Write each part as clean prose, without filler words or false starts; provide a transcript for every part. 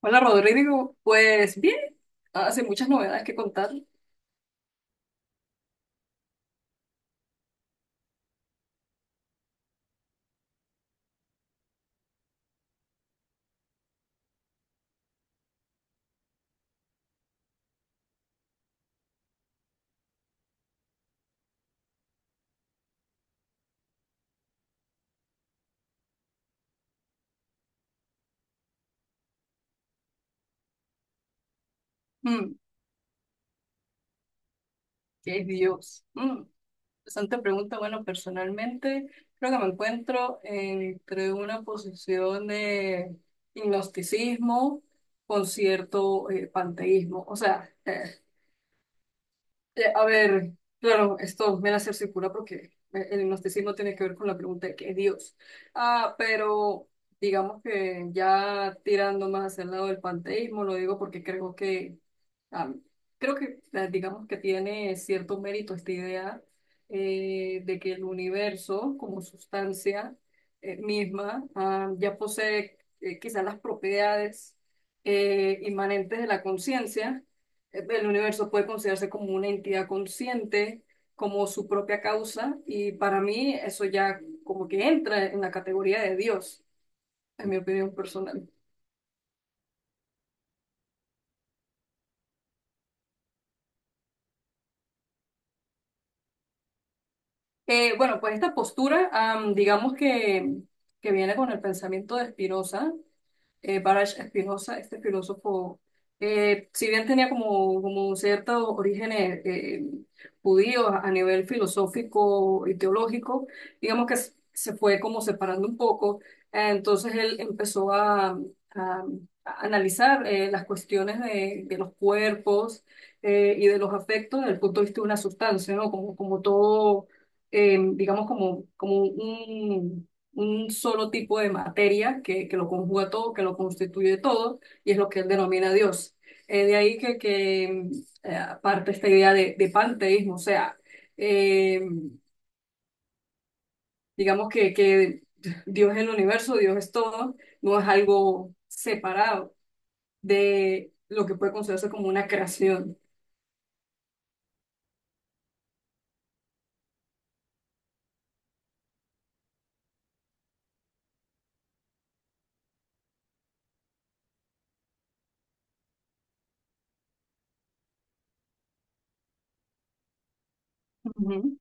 Hola Rodrigo, pues bien, hace muchas novedades que contar. Mm, ¿Qué es Dios? Interesante pregunta. Bueno, personalmente creo que me encuentro entre una posición de gnosticismo con cierto panteísmo. O sea, a ver, claro, esto me la cerciocura porque el gnosticismo tiene que ver con la pregunta de qué es Dios. Ah, pero digamos que ya tirando más hacia el lado del panteísmo, lo digo porque ah, creo que digamos que tiene cierto mérito esta idea de que el universo como sustancia misma ya posee quizás las propiedades inmanentes de la conciencia. El universo puede considerarse como una entidad consciente, como su propia causa, y para mí eso ya como que entra en la categoría de Dios, en mi opinión personal. Bueno, pues esta postura, digamos que viene con el pensamiento de Spinoza, Baruch Spinoza, este filósofo, si bien tenía como ciertos orígenes judíos a nivel filosófico y teológico, digamos que se fue como separando un poco. Entonces él empezó a- a analizar las cuestiones de los cuerpos y de los afectos desde el punto de vista de una sustancia, ¿no? Como, como todo, digamos, como, como un solo tipo de materia que lo conjuga todo, que lo constituye todo, y es lo que él denomina Dios. De ahí que aparte esta idea de panteísmo, o sea, eh, digamos que Dios es el universo, Dios es todo, no es algo separado de lo que puede considerarse como una creación. Ujú.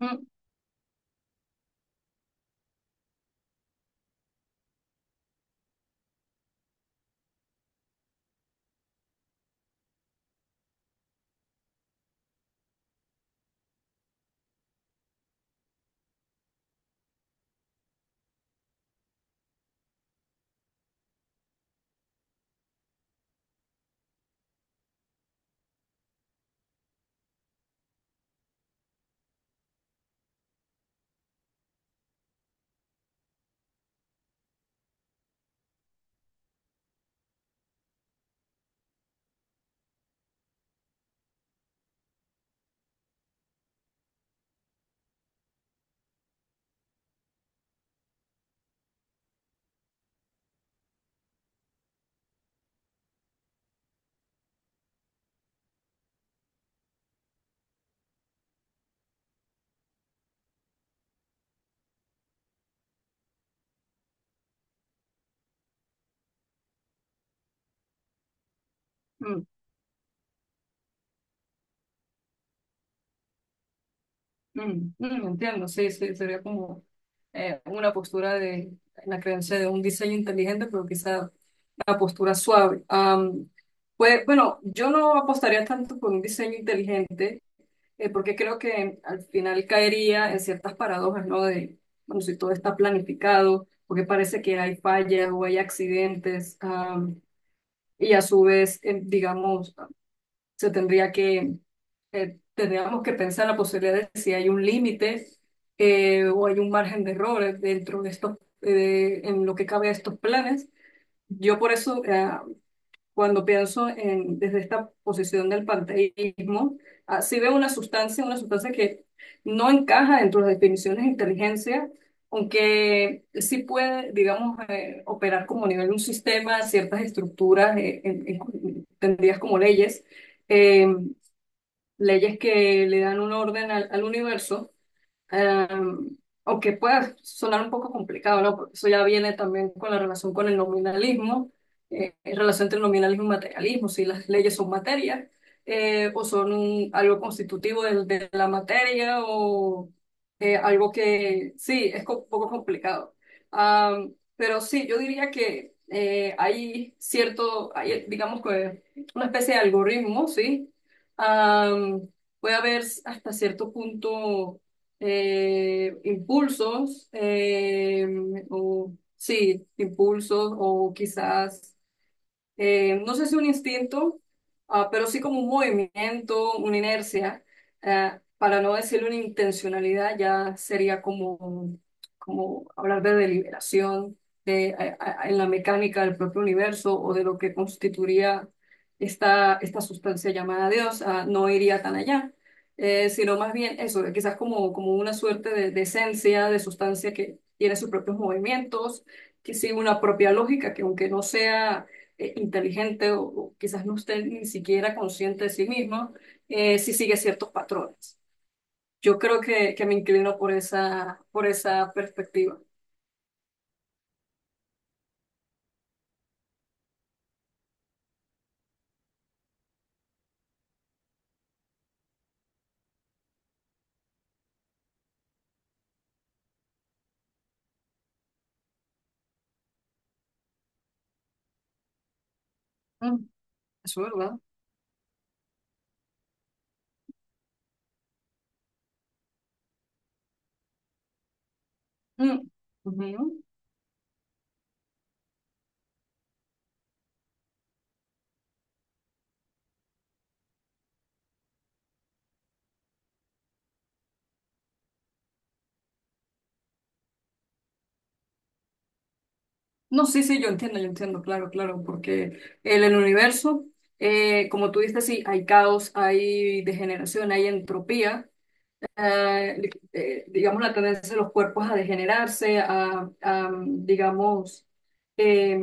Mm, mm, entiendo, sí, sí, sería como una postura de la creencia de un diseño inteligente, pero quizá la postura suave. Pues bueno, yo no apostaría tanto por un diseño inteligente, porque creo que al final caería en ciertas paradojas, ¿no? De, bueno, si todo está planificado, porque parece que hay fallas o hay accidentes, y a su vez, digamos, se tendría que, tendríamos que pensar la posibilidad de si hay un límite o hay un margen de errores dentro de estos, en lo que cabe a estos planes. Yo por eso, cuando pienso en, desde esta posición del panteísmo, sí veo una sustancia que no encaja dentro de las definiciones de inteligencia, aunque sí puede, digamos, operar como a nivel de un sistema, ciertas estructuras entendidas como leyes, eh, leyes que le dan un orden al universo. Em, aunque pueda sonar un poco complicado, ¿no? Porque eso ya viene también con la relación con el nominalismo, relación entre nominalismo y materialismo, si las leyes son materia, o son algo constitutivo de la materia, o algo que sí, es un poco complicado. Pero sí, yo diría que hay cierto, hay, digamos que una especie de algoritmo, ¿sí? Am, puede haber hasta cierto punto impulsos, o sí, impulsos, o quizás no sé si un instinto, pero sí como un movimiento, una inercia, eh, para no decir una intencionalidad, ya sería como, como hablar de deliberación de, en la mecánica del propio universo o de lo que constituiría esta, esta sustancia llamada Dios, no iría tan allá. Sino más bien eso, de quizás como, como una suerte de esencia, de sustancia que tiene sus propios movimientos, que sigue una propia lógica, que aunque no sea inteligente o quizás no esté ni siquiera consciente de sí mismo, si sigue ciertos patrones. Yo creo que me inclino por esa perspectiva. Mm, eso es verdad. Mm, ujú. No, sí, sí, yo entiendo, claro, claro, porque el universo, como tú dices, sí, hay caos, hay degeneración, hay entropía, eh, digamos, la tendencia de los cuerpos a degenerarse, a, digamos, eh,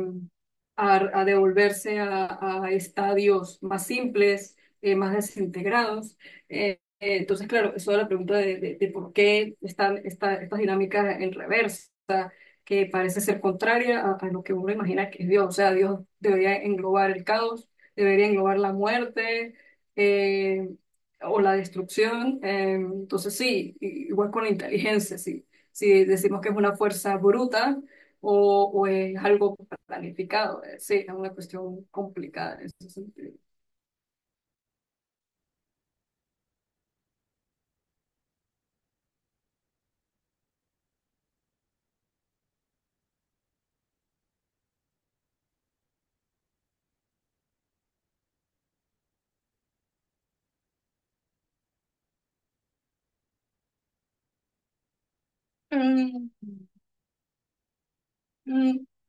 a devolverse a estadios más simples, más desintegrados. Entonces, claro, eso es la pregunta de por qué están estas dinámicas en reversa, que parece ser contraria a lo que uno imagina que es Dios. O sea, Dios debería englobar el caos, debería englobar la muerte eh, o la destrucción. Entonces sí, igual con la inteligencia, sí. Si decimos que es una fuerza bruta o es algo planificado, sí, es una cuestión complicada en ese sentido.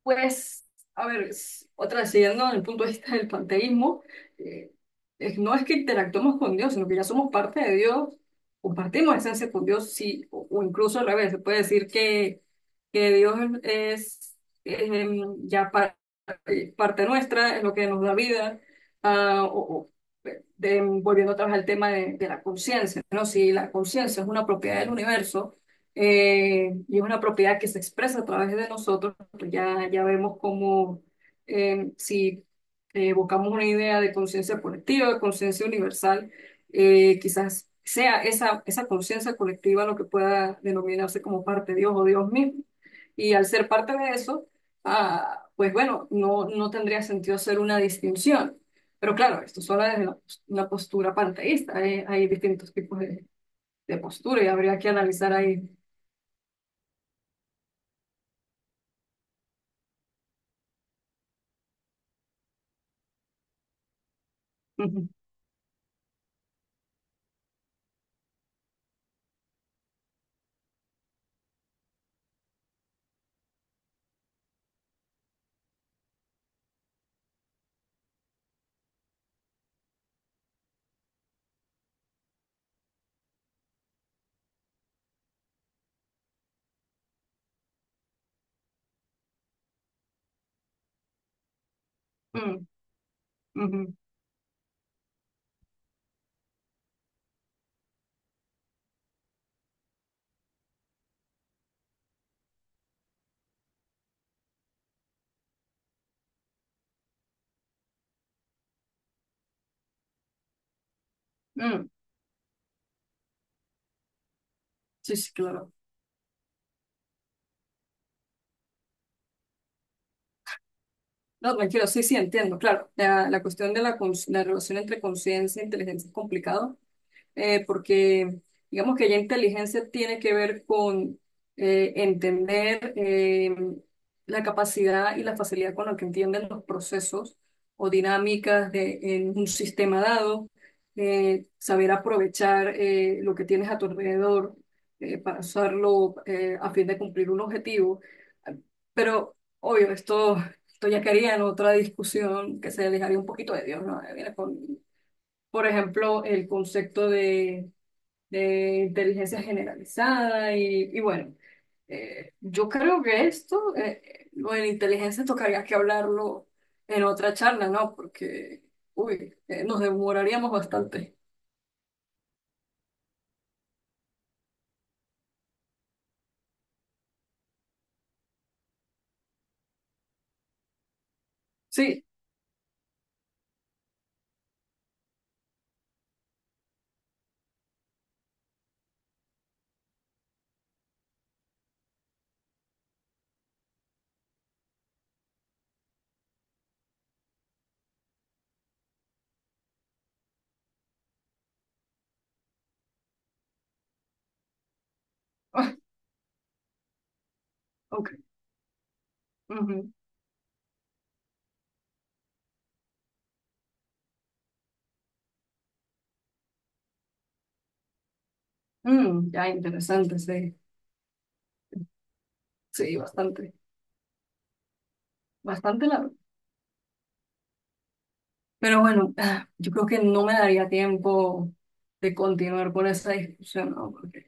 Pues, a ver, otra siguiendo desde el punto de vista del panteísmo, eh, no es que interactuemos con Dios, sino que ya somos parte de Dios, compartimos esencia con Dios, sí, o incluso al revés, se puede decir que Dios es, es parte nuestra, es lo que nos da vida. Ah, o, volviendo otra vez al tema de la conciencia, ¿no? Si la conciencia es una propiedad del universo y es una propiedad que se expresa a través de nosotros, pues ya, ya vemos cómo si buscamos una idea de conciencia colectiva, de conciencia universal, quizás sea esa, esa conciencia colectiva lo que pueda denominarse como parte de Dios o Dios mismo. Y al ser parte de eso, pues bueno, no, no tendría sentido hacer una distinción. Pero claro, esto solo desde la una postura panteísta. Hay distintos tipos de postura y habría que analizar ahí. Ujú, mm, ujú, mm. Sí, sí, claro. No, tranquilo, sí, sí, entiendo. Claro, la cuestión de la, la relación entre conciencia e inteligencia es complicado porque digamos que ya inteligencia tiene que ver con entender la capacidad y la facilidad con la que entienden los procesos o dinámicas de, en un sistema dado, saber aprovechar lo que tienes a tu alrededor para usarlo a fin de cumplir un objetivo. Pero, obvio, esto ya quería en otra discusión que se alejaría un poquito de Dios, ¿no? Viene con, por ejemplo, el concepto de inteligencia generalizada y bueno, yo creo que esto, lo de la inteligencia tocaría que hablarlo en otra charla, ¿no? Porque, uy, nos demoraríamos bastante. Sí, ah, ok. Ujú. Mm, ya, interesante, sí, sí, bastante, bastante largo. Pero bueno, yo creo que no me daría tiempo de continuar con esa discusión, ¿no? Porque,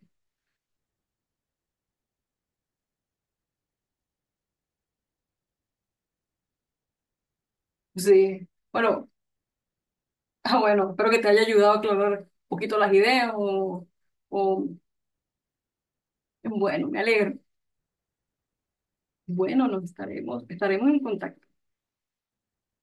sí, bueno. Ah, bueno, espero que te haya ayudado a aclarar un poquito las ideas o bueno, me alegro. Bueno, nos estaremos, estaremos en contacto.